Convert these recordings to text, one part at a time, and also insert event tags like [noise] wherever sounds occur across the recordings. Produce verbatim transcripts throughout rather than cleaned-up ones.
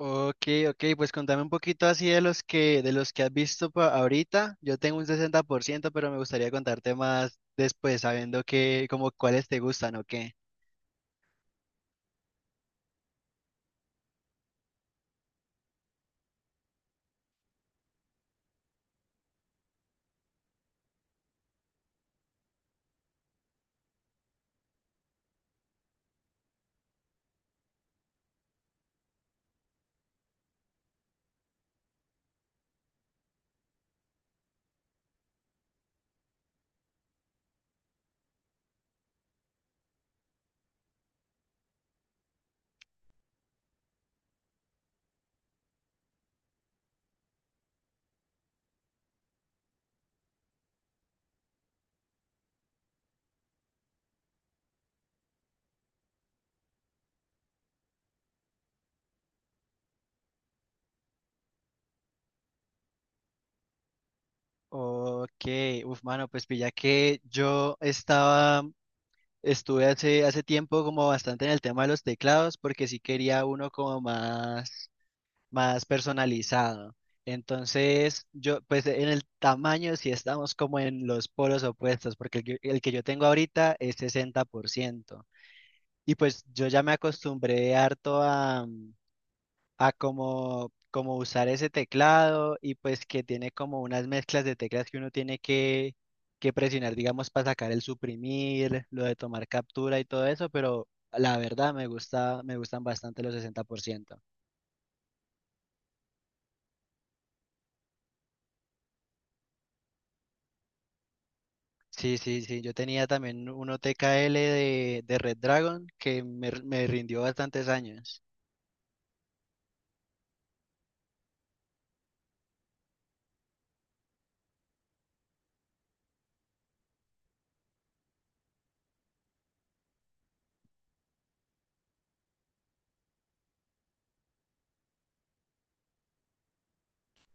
Ok, ok, pues contame un poquito así de los que, de los que has visto pa- ahorita. Yo tengo un sesenta por ciento, pero me gustaría contarte más después, sabiendo que, como cuáles te gustan o qué. Ok, uf, mano, pues pilla que yo estaba, estuve hace, hace tiempo como bastante en el tema de los teclados, porque sí quería uno como más. más personalizado. Entonces, yo, pues en el tamaño sí estamos como en los polos opuestos, porque el que, el que yo tengo ahorita es sesenta por ciento. Y pues yo ya me acostumbré harto a, mm, a como, como usar ese teclado y pues que tiene como unas mezclas de teclas que uno tiene que, que presionar, digamos, para sacar el suprimir, lo de tomar captura y todo eso, pero la verdad me gusta, me gustan bastante los sesenta por ciento. Sí, sí, sí. Yo tenía también uno T K L de, de Red Dragon que me, me rindió bastantes años.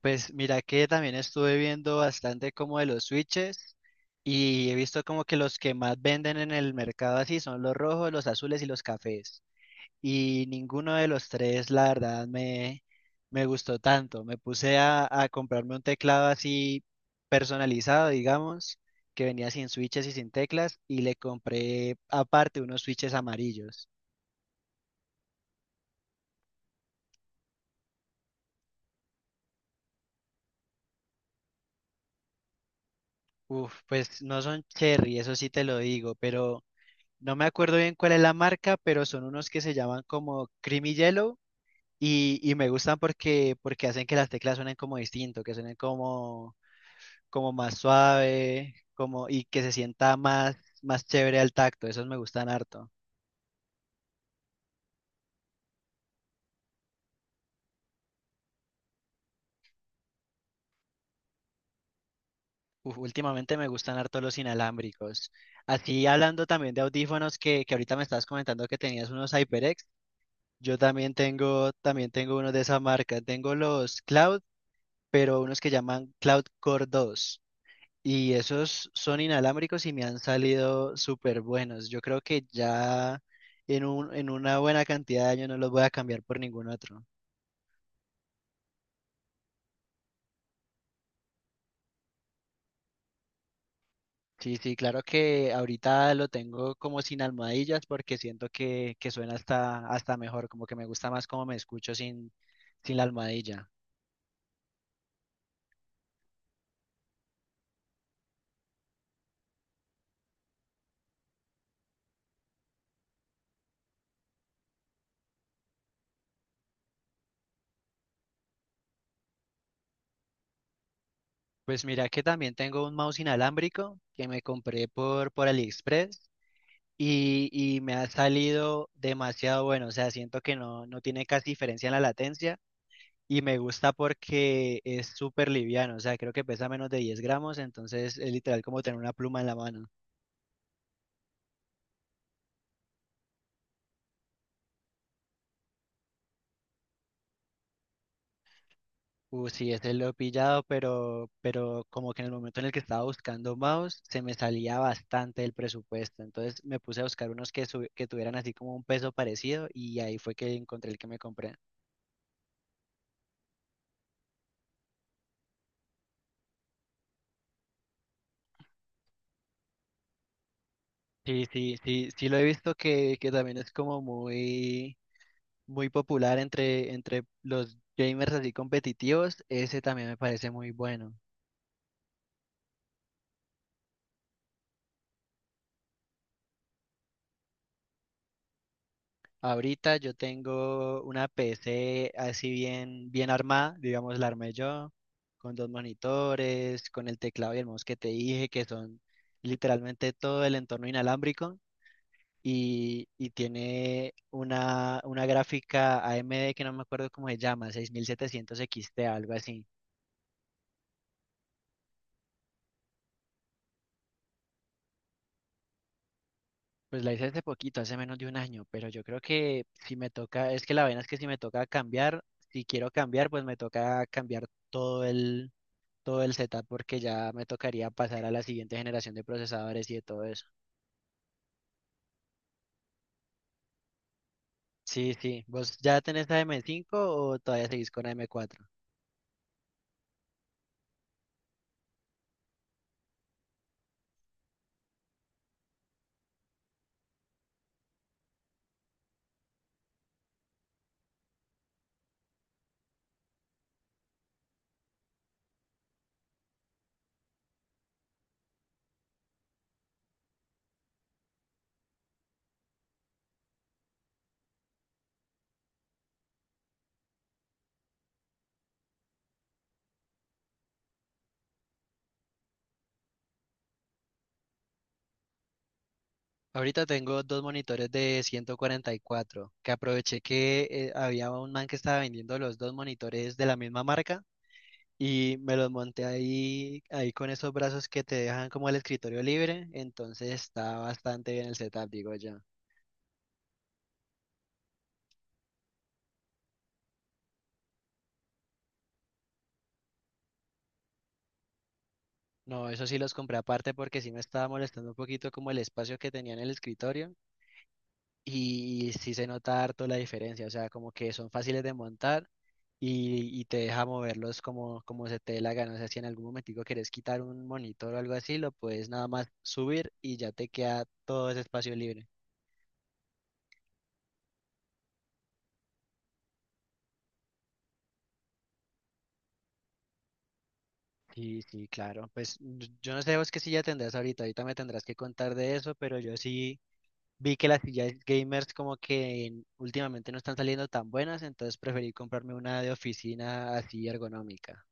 Pues mira que también estuve viendo bastante como de los switches y he visto como que los que más venden en el mercado así son los rojos, los azules y los cafés. Y ninguno de los tres, la verdad, me, me gustó tanto. Me puse a, a comprarme un teclado así personalizado, digamos, que venía sin switches y sin teclas, y le compré aparte unos switches amarillos. Uf, pues no son Cherry, eso sí te lo digo, pero no me acuerdo bien cuál es la marca, pero son unos que se llaman como Creamy Yellow. Y, y me gustan porque, porque hacen que las teclas suenen como distinto, que suenen como, como más suave, como, y que se sienta más, más chévere al tacto, esos me gustan harto. Uf, últimamente me gustan harto los inalámbricos. Así hablando también de audífonos que, que ahorita me estabas comentando que tenías unos HyperX, yo también tengo, también tengo unos de esa marca, tengo los Cloud, pero unos que llaman Cloud Core dos. Y esos son inalámbricos y me han salido súper buenos. Yo creo que ya en un, en una buena cantidad de años no los voy a cambiar por ningún otro. Sí, sí, claro que ahorita lo tengo como sin almohadillas porque siento que, que suena hasta, hasta mejor, como que me gusta más como me escucho sin, sin la almohadilla. Pues mira que también tengo un mouse inalámbrico que me compré por, por AliExpress y, y me ha salido demasiado bueno, o sea, siento que no, no tiene casi diferencia en la latencia y me gusta porque es súper liviano, o sea, creo que pesa menos de diez gramos, entonces es literal como tener una pluma en la mano. Uh, sí, ese lo he pillado, pero, pero como que en el momento en el que estaba buscando mouse, se me salía bastante el presupuesto. Entonces me puse a buscar unos que, su- que tuvieran así como un peso parecido y ahí fue que encontré el que me compré. Sí, sí, sí, sí lo he visto que, que también es como muy, muy popular entre, entre los gamers así competitivos. Ese también me parece muy bueno. Ahorita yo tengo una P C así bien, bien armada, digamos, la armé yo, con dos monitores, con el teclado y el mouse que te dije, que son literalmente todo el entorno inalámbrico, y, y tiene una, una gráfica A M D que no me acuerdo cómo se llama, seis mil setecientos X T, algo así. Pues la hice hace poquito, hace menos de un año, pero yo creo que si me toca, es que la vaina es que si me toca cambiar, si quiero cambiar, pues me toca cambiar todo el todo el setup porque ya me tocaría pasar a la siguiente generación de procesadores y de todo eso. Sí, sí. ¿Vos ya tenés la m cinco o todavía seguís con la m cuatro? Ahorita tengo dos monitores de ciento cuarenta y cuatro que aproveché que eh, había un man que estaba vendiendo los dos monitores de la misma marca y me los monté ahí, ahí con esos brazos que te dejan como el escritorio libre, entonces está bastante bien el setup, digo yo. No, eso sí los compré aparte porque sí me estaba molestando un poquito como el espacio que tenía en el escritorio y sí se nota harto la diferencia, o sea, como que son fáciles de montar y, y te deja moverlos como, como se te dé la gana, o sea, si en algún momentico quieres quitar un monitor o algo así, lo puedes nada más subir y ya te queda todo ese espacio libre. Sí, sí, claro, pues yo yo no sé vos qué silla tendrás ahorita, ahorita me tendrás que contar de eso, pero yo sí vi que las sillas gamers como que últimamente no están saliendo tan buenas, entonces preferí comprarme una de oficina así ergonómica.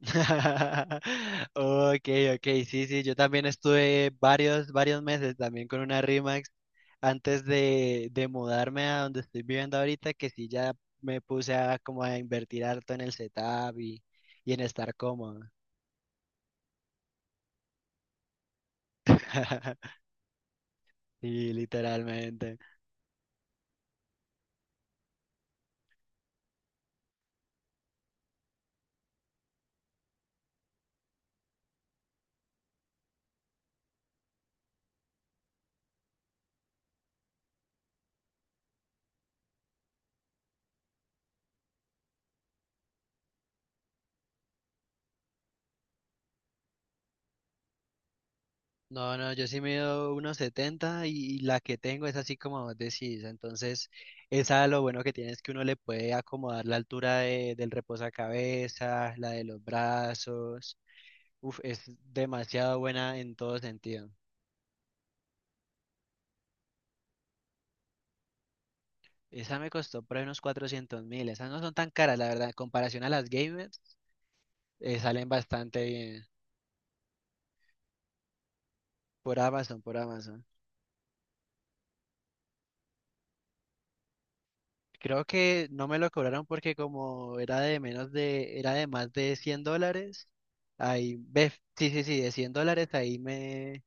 [laughs] Ok, ok, sí, sí, yo también estuve varios, varios meses también con una Rimax antes de, de mudarme a donde estoy viviendo ahorita, que sí ya me puse a como a invertir harto en el setup y, y en estar cómodo. [laughs] Sí, literalmente. No, no, yo sí mido uno setenta y la que tengo es así como vos decís. Entonces, esa lo bueno que tiene es que uno le puede acomodar la altura de- del reposacabezas, la de los brazos. Uf, es demasiado buena en todo sentido. Esa me costó por ahí unos cuatrocientos mil. Esas no son tan caras, la verdad. En comparación a las gamers, eh, salen bastante bien. Por Amazon, por Amazon. Creo que no me lo cobraron porque como era de menos de, era de más de cien dólares, ahí, ve, sí, sí, sí, de cien dólares ahí me,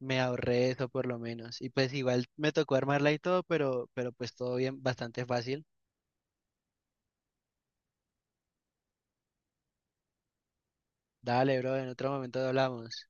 me ahorré eso por lo menos. Y pues igual me tocó armarla y todo, pero, pero pues todo bien, bastante fácil. Dale, bro, en otro momento hablamos.